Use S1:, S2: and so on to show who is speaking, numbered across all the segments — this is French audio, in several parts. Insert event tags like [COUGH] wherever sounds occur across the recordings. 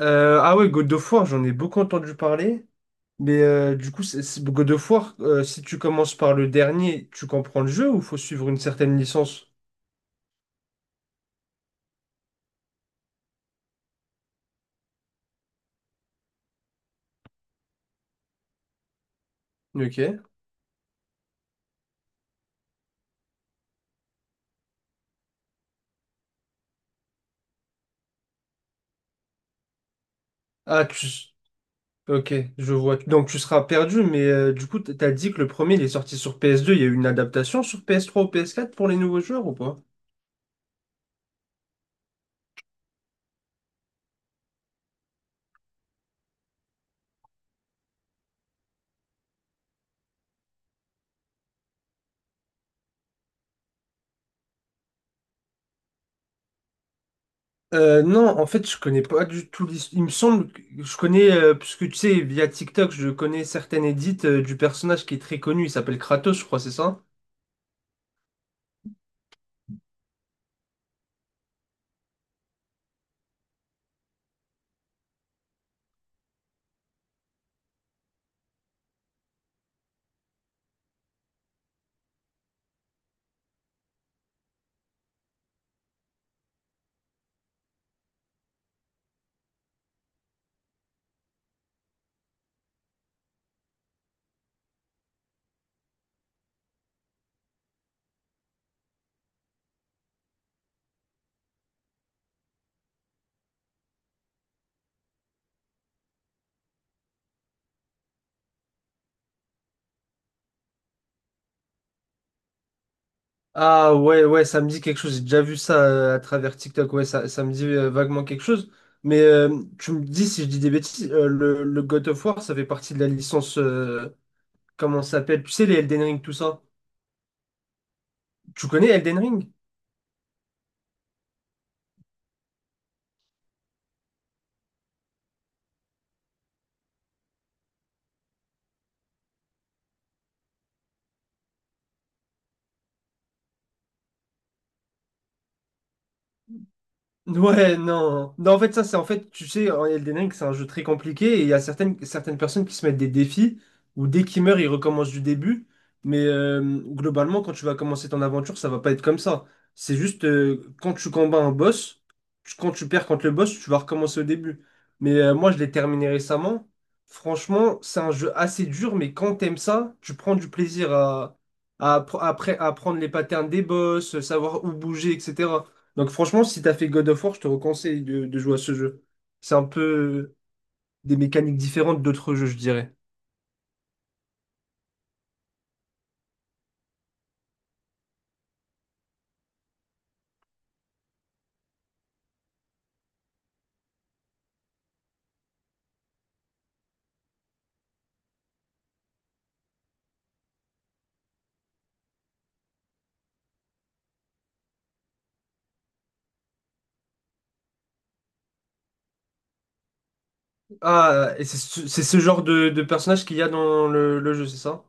S1: Ah ouais, God of War, j'en ai beaucoup entendu parler. Mais du coup, God of War, si tu commences par le dernier, tu comprends le jeu ou faut suivre une certaine licence? Ok. Ah, tu... Ok, je vois. Donc tu seras perdu, mais du coup, t'as dit que le premier, il est sorti sur PS2. Il y a eu une adaptation sur PS3 ou PS4 pour les nouveaux joueurs ou pas? Non, en fait, je connais pas du tout l'histoire. Il me semble que je connais, parce que tu sais, via TikTok, je connais certaines edits du personnage qui est très connu. Il s'appelle Kratos, je crois, c'est ça? Ah ouais, ouais, ça me dit quelque chose. J'ai déjà vu ça à travers TikTok. Ouais, ça me dit vaguement quelque chose. Mais tu me dis si je dis des bêtises, le God of War, ça fait partie de la licence. Comment ça s'appelle? Tu sais, les Elden Ring, tout ça. Tu connais Elden Ring? Ouais, non. Non, en fait, ça, c'est en fait, tu sais, en Elden Ring, c'est un jeu très compliqué et il y a certaines personnes qui se mettent des défis où dès qu'ils meurent, ils recommencent du début. Mais globalement, quand tu vas commencer ton aventure, ça va pas être comme ça. C'est juste quand tu combats un boss, quand tu perds contre le boss, tu vas recommencer au début. Mais moi, je l'ai terminé récemment. Franchement, c'est un jeu assez dur, mais quand t'aimes ça, tu prends du plaisir à, après, à apprendre les patterns des boss, savoir où bouger, etc. Donc franchement, si t'as fait God of War, je te reconseille de jouer à ce jeu. C'est un peu des mécaniques différentes d'autres jeux, je dirais. Ah, et c'est ce genre de personnage qu'il y a dans le jeu, c'est ça?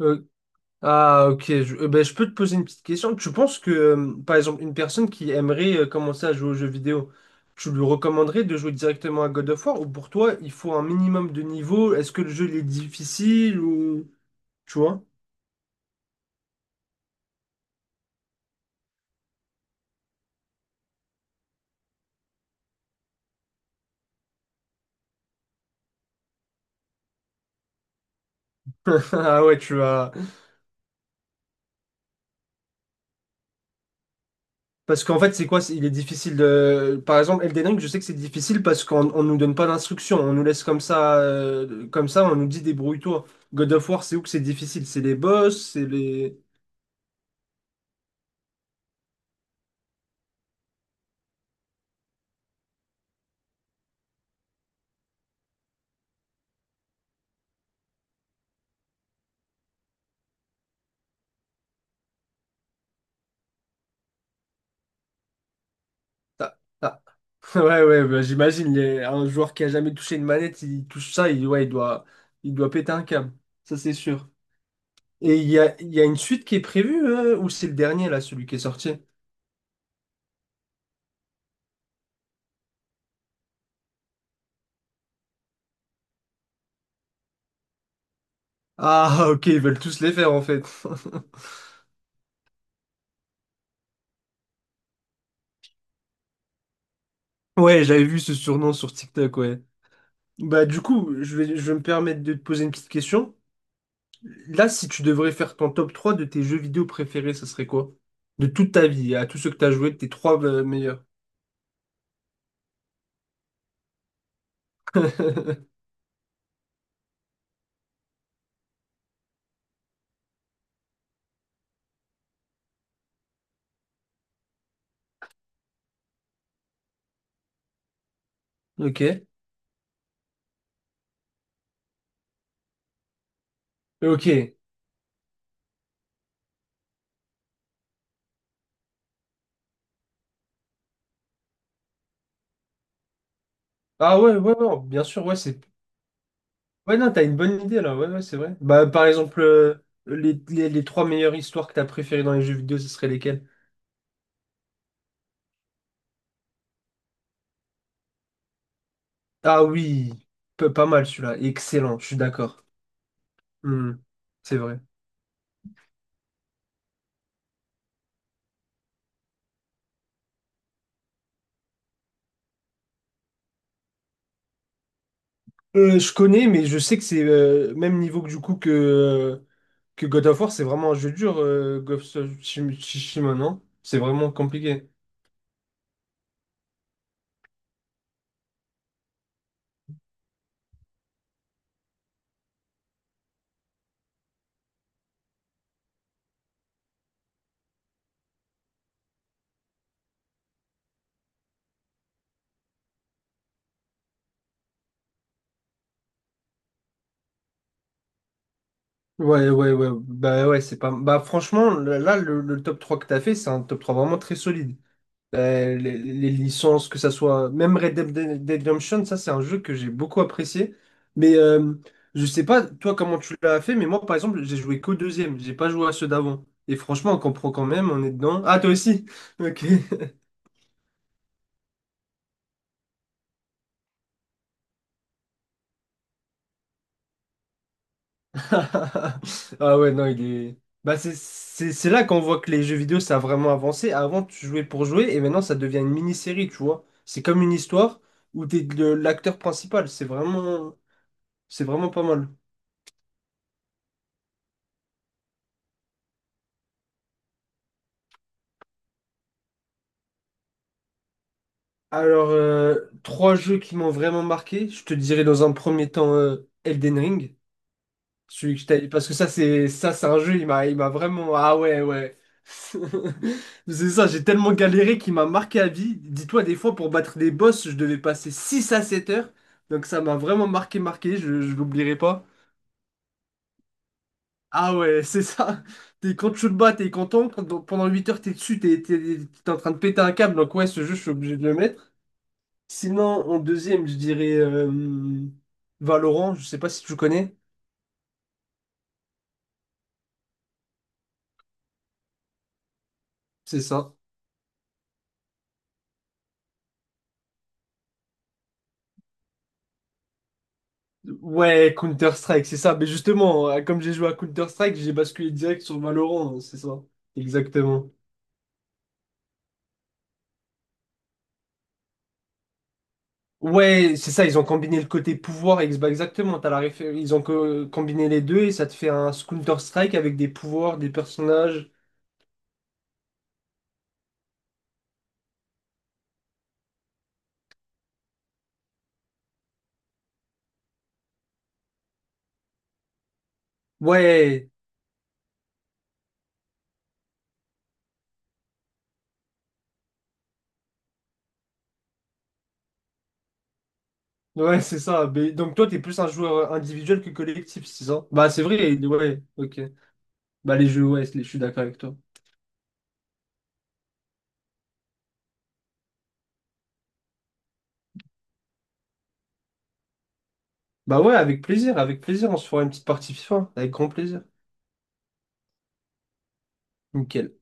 S1: Euh, ok. Ben, je peux te poser une petite question. Tu penses que, par exemple, une personne qui aimerait commencer à jouer aux jeux vidéo, tu lui recommanderais de jouer directement à God of War ou pour toi, il faut un minimum de niveau? Est-ce que le jeu il est difficile ou... Tu vois? [LAUGHS] Ah ouais, tu vas... Parce qu'en fait, c'est quoi? Il est difficile de. Par exemple, Elden Ring, je sais que c'est difficile parce qu'on nous donne pas d'instructions. On nous laisse comme ça, on nous dit débrouille-toi. God of War, c'est où que c'est difficile? C'est les boss, c'est les. Ah, ah. [LAUGHS] Ouais, ouais, bah, j'imagine. Un joueur qui a jamais touché une manette, il touche ça, il, ouais, il doit péter un câble. Ça, c'est sûr. Et il y a une suite qui est prévue, ou c'est le dernier, là, celui qui est sorti? Ah, [LAUGHS] ok, ils veulent tous les faire, en fait. [LAUGHS] Ouais, j'avais vu ce surnom sur TikTok, ouais. Bah, du coup, je vais me permettre de te poser une petite question. Là, si tu devrais faire ton top 3 de tes jeux vidéo préférés, ça serait quoi? De toute ta vie, à tous ceux que tu as joué, tes trois meilleurs. [LAUGHS] Ok. Ok. Ah ouais, ouais, ouais, bien sûr, ouais, c'est. Ouais, non, t'as une bonne idée là, ouais, ouais, c'est vrai. Bah, par exemple, les trois meilleures histoires que t'as préférées dans les jeux vidéo, ce serait lesquelles? Ah oui, pas mal celui-là, excellent, je suis d'accord. Hmm, c'est vrai. Je connais, mais je sais que c'est même niveau que que God of War, c'est vraiment un jeu dur, Ghost of Tsushima, Tsushima, non? C'est vraiment compliqué. Ouais, ouais, ouais. Bah ouais, c'est pas. Bah franchement, là, le top 3 que t'as fait, c'est un top 3 vraiment très solide. Les licences, que ça soit. Même Red Dead Redemption, ça, c'est un jeu que j'ai beaucoup apprécié. Mais je sais pas, toi, comment tu l'as fait, mais moi, par exemple, j'ai joué qu'au deuxième. J'ai pas joué à ceux d'avant. Et franchement, on comprend quand même, on est dedans. Ah, toi aussi? [LAUGHS] Ok. [LAUGHS] Ah ouais, non, il est. Bah, c'est là qu'on voit que les jeux vidéo, ça a vraiment avancé. Avant, tu jouais pour jouer et maintenant, ça devient une mini-série, tu vois. C'est comme une histoire où t'es l'acteur principal. C'est vraiment pas mal. Alors, trois jeux qui m'ont vraiment marqué. Je te dirais dans un premier temps Elden Ring. Celui que parce que ça, c'est un jeu, il m'a vraiment. Ah ouais, ouais. [LAUGHS] C'est ça, j'ai tellement galéré qu'il m'a marqué à vie. Dis-toi, des fois, pour battre des boss, je devais passer 6 à 7 heures. Donc ça m'a vraiment marqué, marqué, je l'oublierai pas. Ah ouais, [LAUGHS] c'est ça. T'es, quand tu le bats, t'es content. Quand- pendant 8 heures, t'es dessus, t'es en train de péter un câble. Donc ouais, ce jeu, je suis obligé de le mettre. Sinon, en deuxième, je dirais Valorant, je sais pas si tu connais. C'est ça. Ouais, Counter-Strike, c'est ça. Mais justement, comme j'ai joué à Counter-Strike, j'ai basculé direct sur Valorant, hein, c'est ça. Exactement. Ouais, c'est ça, ils ont combiné le côté pouvoir, bah, exactement, t'as ils ont combiné les deux et ça te fait un Counter-Strike avec des pouvoirs, des personnages. Ouais, ouais, c'est ça. Mais, donc toi, t'es plus un joueur individuel que collectif, c'est ça? Bah c'est vrai, ouais, ok. Bah les jeux, ouais, je suis d'accord avec toi. Bah ouais, avec plaisir, on se fera une petite partie FIFA, avec grand plaisir. Nickel.